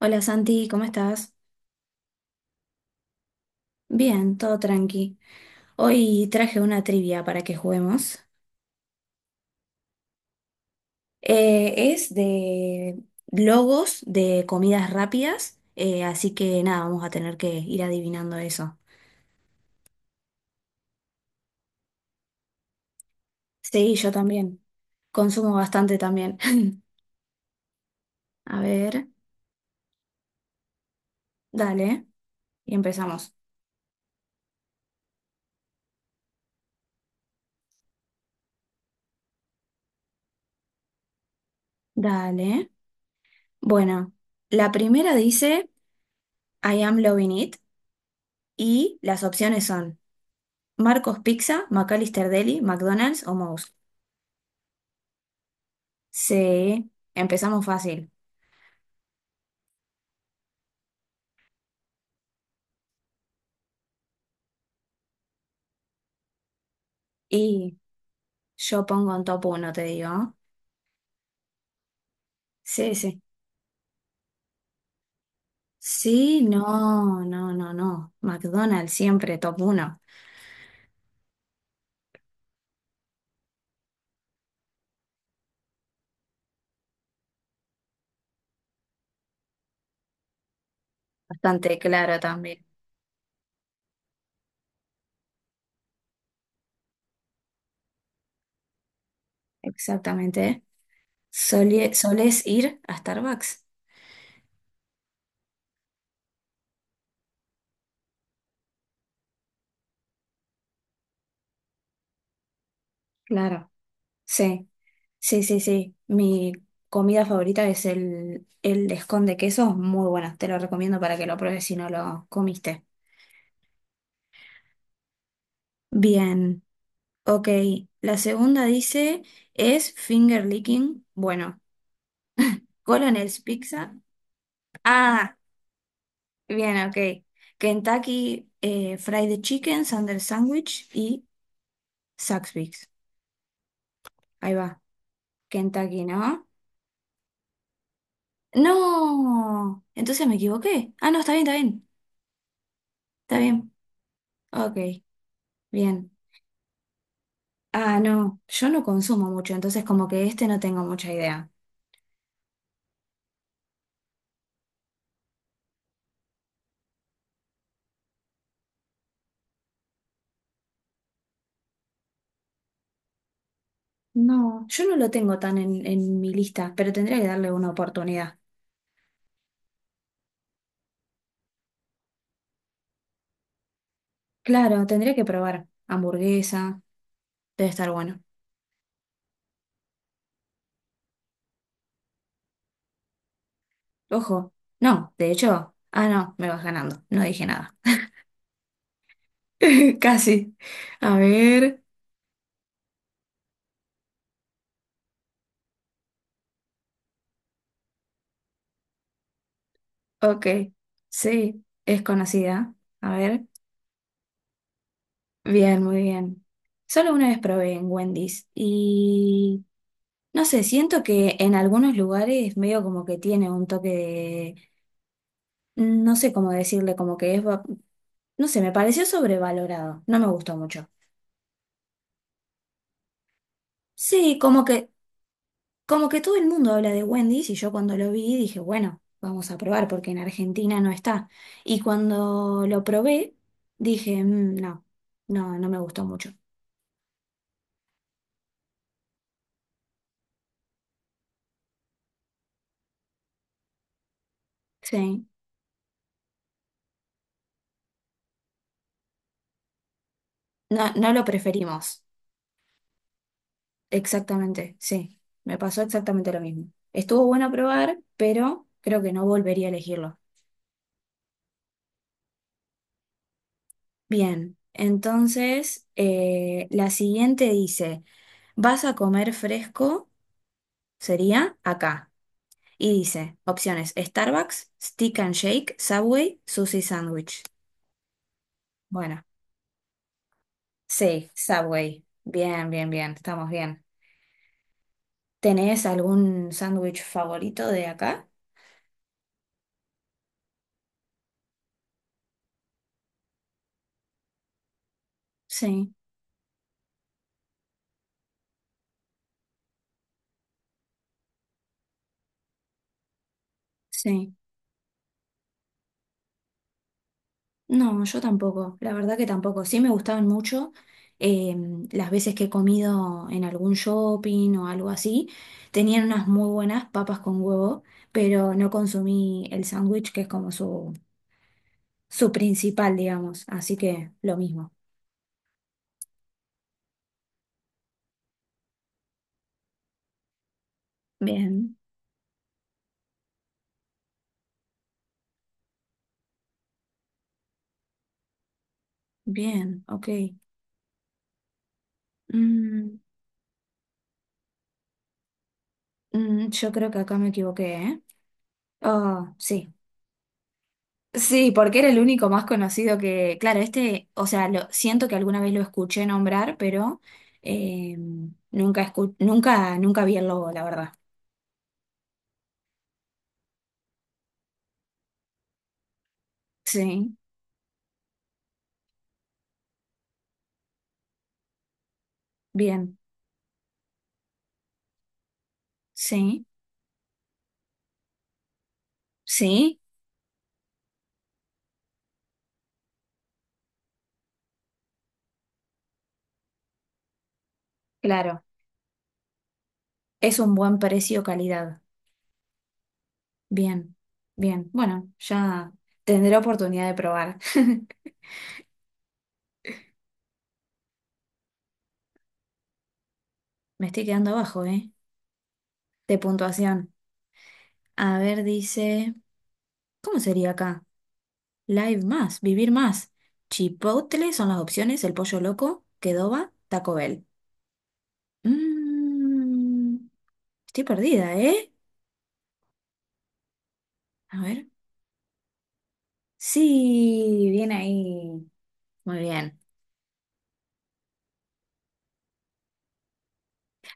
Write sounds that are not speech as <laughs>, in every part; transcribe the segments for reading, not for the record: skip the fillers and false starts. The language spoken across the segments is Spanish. Hola Santi, ¿cómo estás? Bien, todo tranqui. Hoy traje una trivia para que juguemos. Es de logos de comidas rápidas, así que nada, vamos a tener que ir adivinando eso. Sí, yo también. Consumo bastante también. <laughs> A ver, dale, y empezamos. Dale. Bueno, la primera dice "I am loving it" y las opciones son Marcos Pizza, McAllister Deli, McDonald's o Moe's. Sí, empezamos fácil. Y yo pongo en top uno, te digo. Sí, sí. Sí, no, no, no, no. McDonald's siempre top uno. Bastante claro también. Exactamente. ¿Solés ir a Starbucks? Claro. Sí, sí, sí, sí. Mi comida favorita es el escón de queso. Muy bueno. Te lo recomiendo para que lo pruebes si no lo comiste. Bien. Ok, la segunda dice, ¿es finger licking? Bueno, Colonel's Pizza. Ah, bien, ok. Kentucky Fried Chicken, Sunday Sandwich y Saxby's. Ahí va, Kentucky, ¿no? No, entonces me equivoqué. Ah, no, está bien, está bien, está bien. Ok, bien. Ah, no, yo no consumo mucho, entonces como que este no tengo mucha idea. No, yo no lo tengo tan en mi lista, pero tendría que darle una oportunidad. Claro, tendría que probar hamburguesa, debe estar bueno. Ojo, no, de hecho, ah, no, me vas ganando, no dije nada. <laughs> Casi. A ver, ok, sí, es conocida. A ver, bien, muy bien. Solo una vez probé en Wendy's y no sé, siento que en algunos lugares medio como que tiene un toque de, no sé cómo decirle, como que es, no sé, me pareció sobrevalorado, no me gustó mucho. Sí, como que... Como que todo el mundo habla de Wendy's y yo cuando lo vi dije, bueno, vamos a probar porque en Argentina no está. Y cuando lo probé, dije, "Mm, no, no, no me gustó mucho." Sí, no, no lo preferimos. Exactamente, sí, me pasó exactamente lo mismo. Estuvo bueno probar, pero creo que no volvería a elegirlo. Bien, entonces la siguiente dice, ¿vas a comer fresco? Sería acá. Y dice, opciones, Starbucks, Stick and Shake, Subway, Sushi Sandwich. Bueno, sí, Subway. Bien, bien, bien, estamos bien. ¿Tenés algún sándwich favorito de acá? Sí, sí. No, yo tampoco, la verdad que tampoco. Sí me gustaban mucho eh, las veces que he comido en algún shopping o algo así. Tenían unas muy buenas papas con huevo, pero no consumí el sándwich que es como su principal, digamos. Así que lo mismo. Bien, bien, ok. Mm, yo creo que acá me equivoqué, ¿eh? Oh, sí. Sí, porque era el único más conocido que. Claro, este, o sea, lo, siento que alguna vez lo escuché nombrar, pero eh, nunca, nunca vi el logo, la verdad. Sí, bien. Sí, sí, claro. Es un buen precio calidad. Bien, bien. Bueno, ya tendré oportunidad de probar. <laughs> Me estoy quedando abajo, ¿eh? De puntuación. A ver, dice, ¿cómo sería acá? Live más, vivir más. Chipotle son las opciones, el pollo loco, Kedoba, Taco Bell. Mm, estoy perdida, ¿eh? A ver. Sí, bien ahí. Muy bien.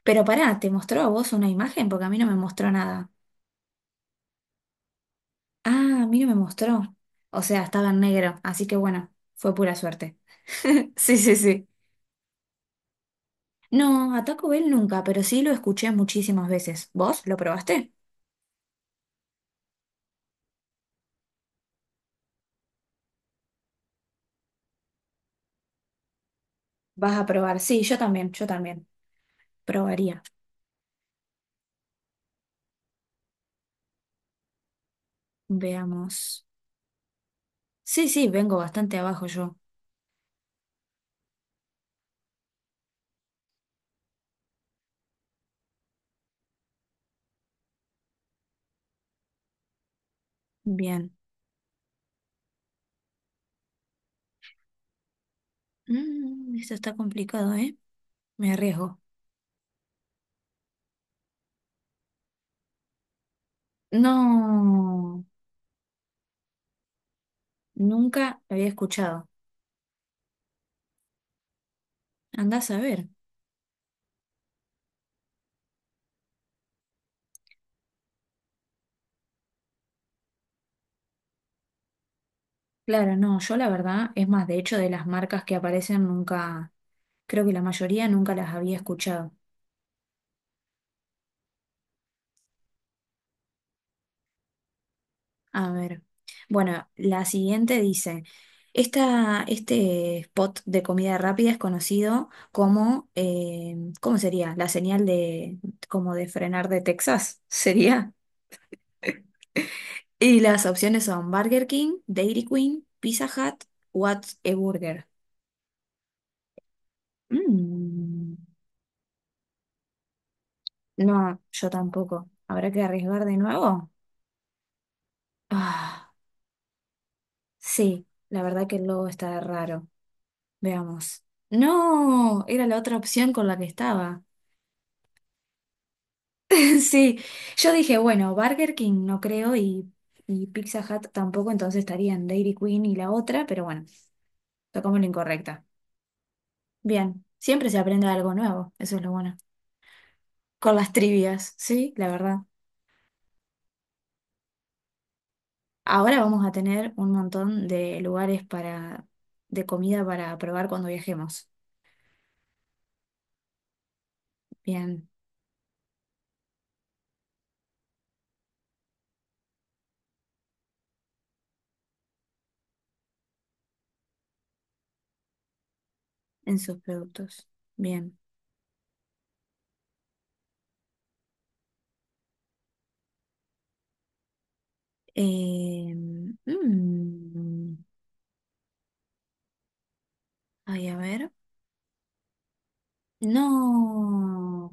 Pero pará, ¿te mostró a vos una imagen? Porque a mí no me mostró nada. Ah, a mí no me mostró. O sea, estaba en negro, así que bueno, fue pura suerte. <laughs> Sí, sí, sí. No, a Taco Bell nunca, pero sí lo escuché muchísimas veces. ¿Vos lo probaste? Vas a probar. Sí, yo también, yo también. Probaría. Veamos. Sí, sí, vengo bastante abajo yo. Bien. Mm, esto está complicado, ¿eh? Me arriesgo. No, nunca lo había escuchado. Andás a ver. Claro, no, yo la verdad, es más, de hecho, de las marcas que aparecen nunca, creo que la mayoría nunca las había escuchado. A ver. Bueno, la siguiente dice, esta, este spot de comida rápida es conocido como, ¿cómo sería? La señal de, como de frenar de Texas, <laughs> ¿sería? Y las opciones son Burger King, Dairy Queen, Pizza Hut, What's a Burger. Mm, no, yo tampoco. ¿Habrá que arriesgar de nuevo? Ah, sí, la verdad que el logo está raro. Veamos. No, era la otra opción con la que estaba. <laughs> Sí, yo dije, bueno, Burger King no creo y Pizza Hut tampoco, entonces estarían Dairy Queen y la otra, pero bueno, tocamos la incorrecta. Bien, siempre se aprende algo nuevo, eso es lo bueno. Con las trivias, sí, la verdad. Ahora vamos a tener un montón de lugares para, de comida para probar cuando viajemos. Bien, en sus productos. Bien. Eh, mm, ay, a ver. No.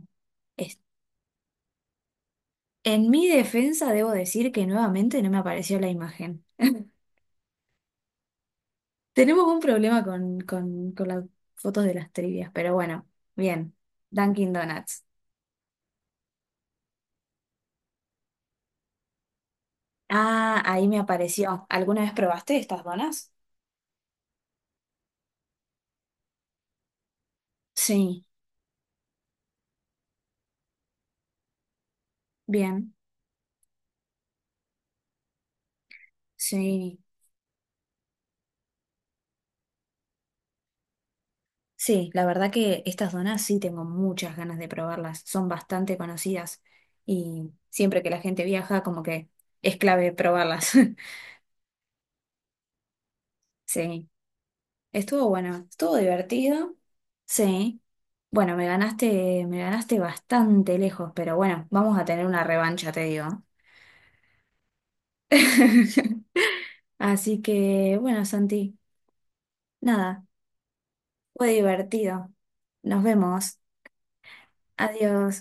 En mi defensa debo decir que nuevamente no me apareció la imagen. <laughs> Tenemos un problema con las fotos de las trivias, pero bueno, bien. Dunkin' Donuts. Ah, ahí me apareció. ¿Alguna vez probaste estas donas? Sí, bien, sí. Sí, la verdad que estas donas sí tengo muchas ganas de probarlas. Son bastante conocidas y siempre que la gente viaja como que es clave probarlas. <laughs> Sí. Estuvo bueno, estuvo divertido, sí. Bueno, me ganaste bastante lejos, pero bueno, vamos a tener una revancha, te digo. <laughs> Así que, bueno, Santi, nada, fue divertido. Nos vemos. Adiós.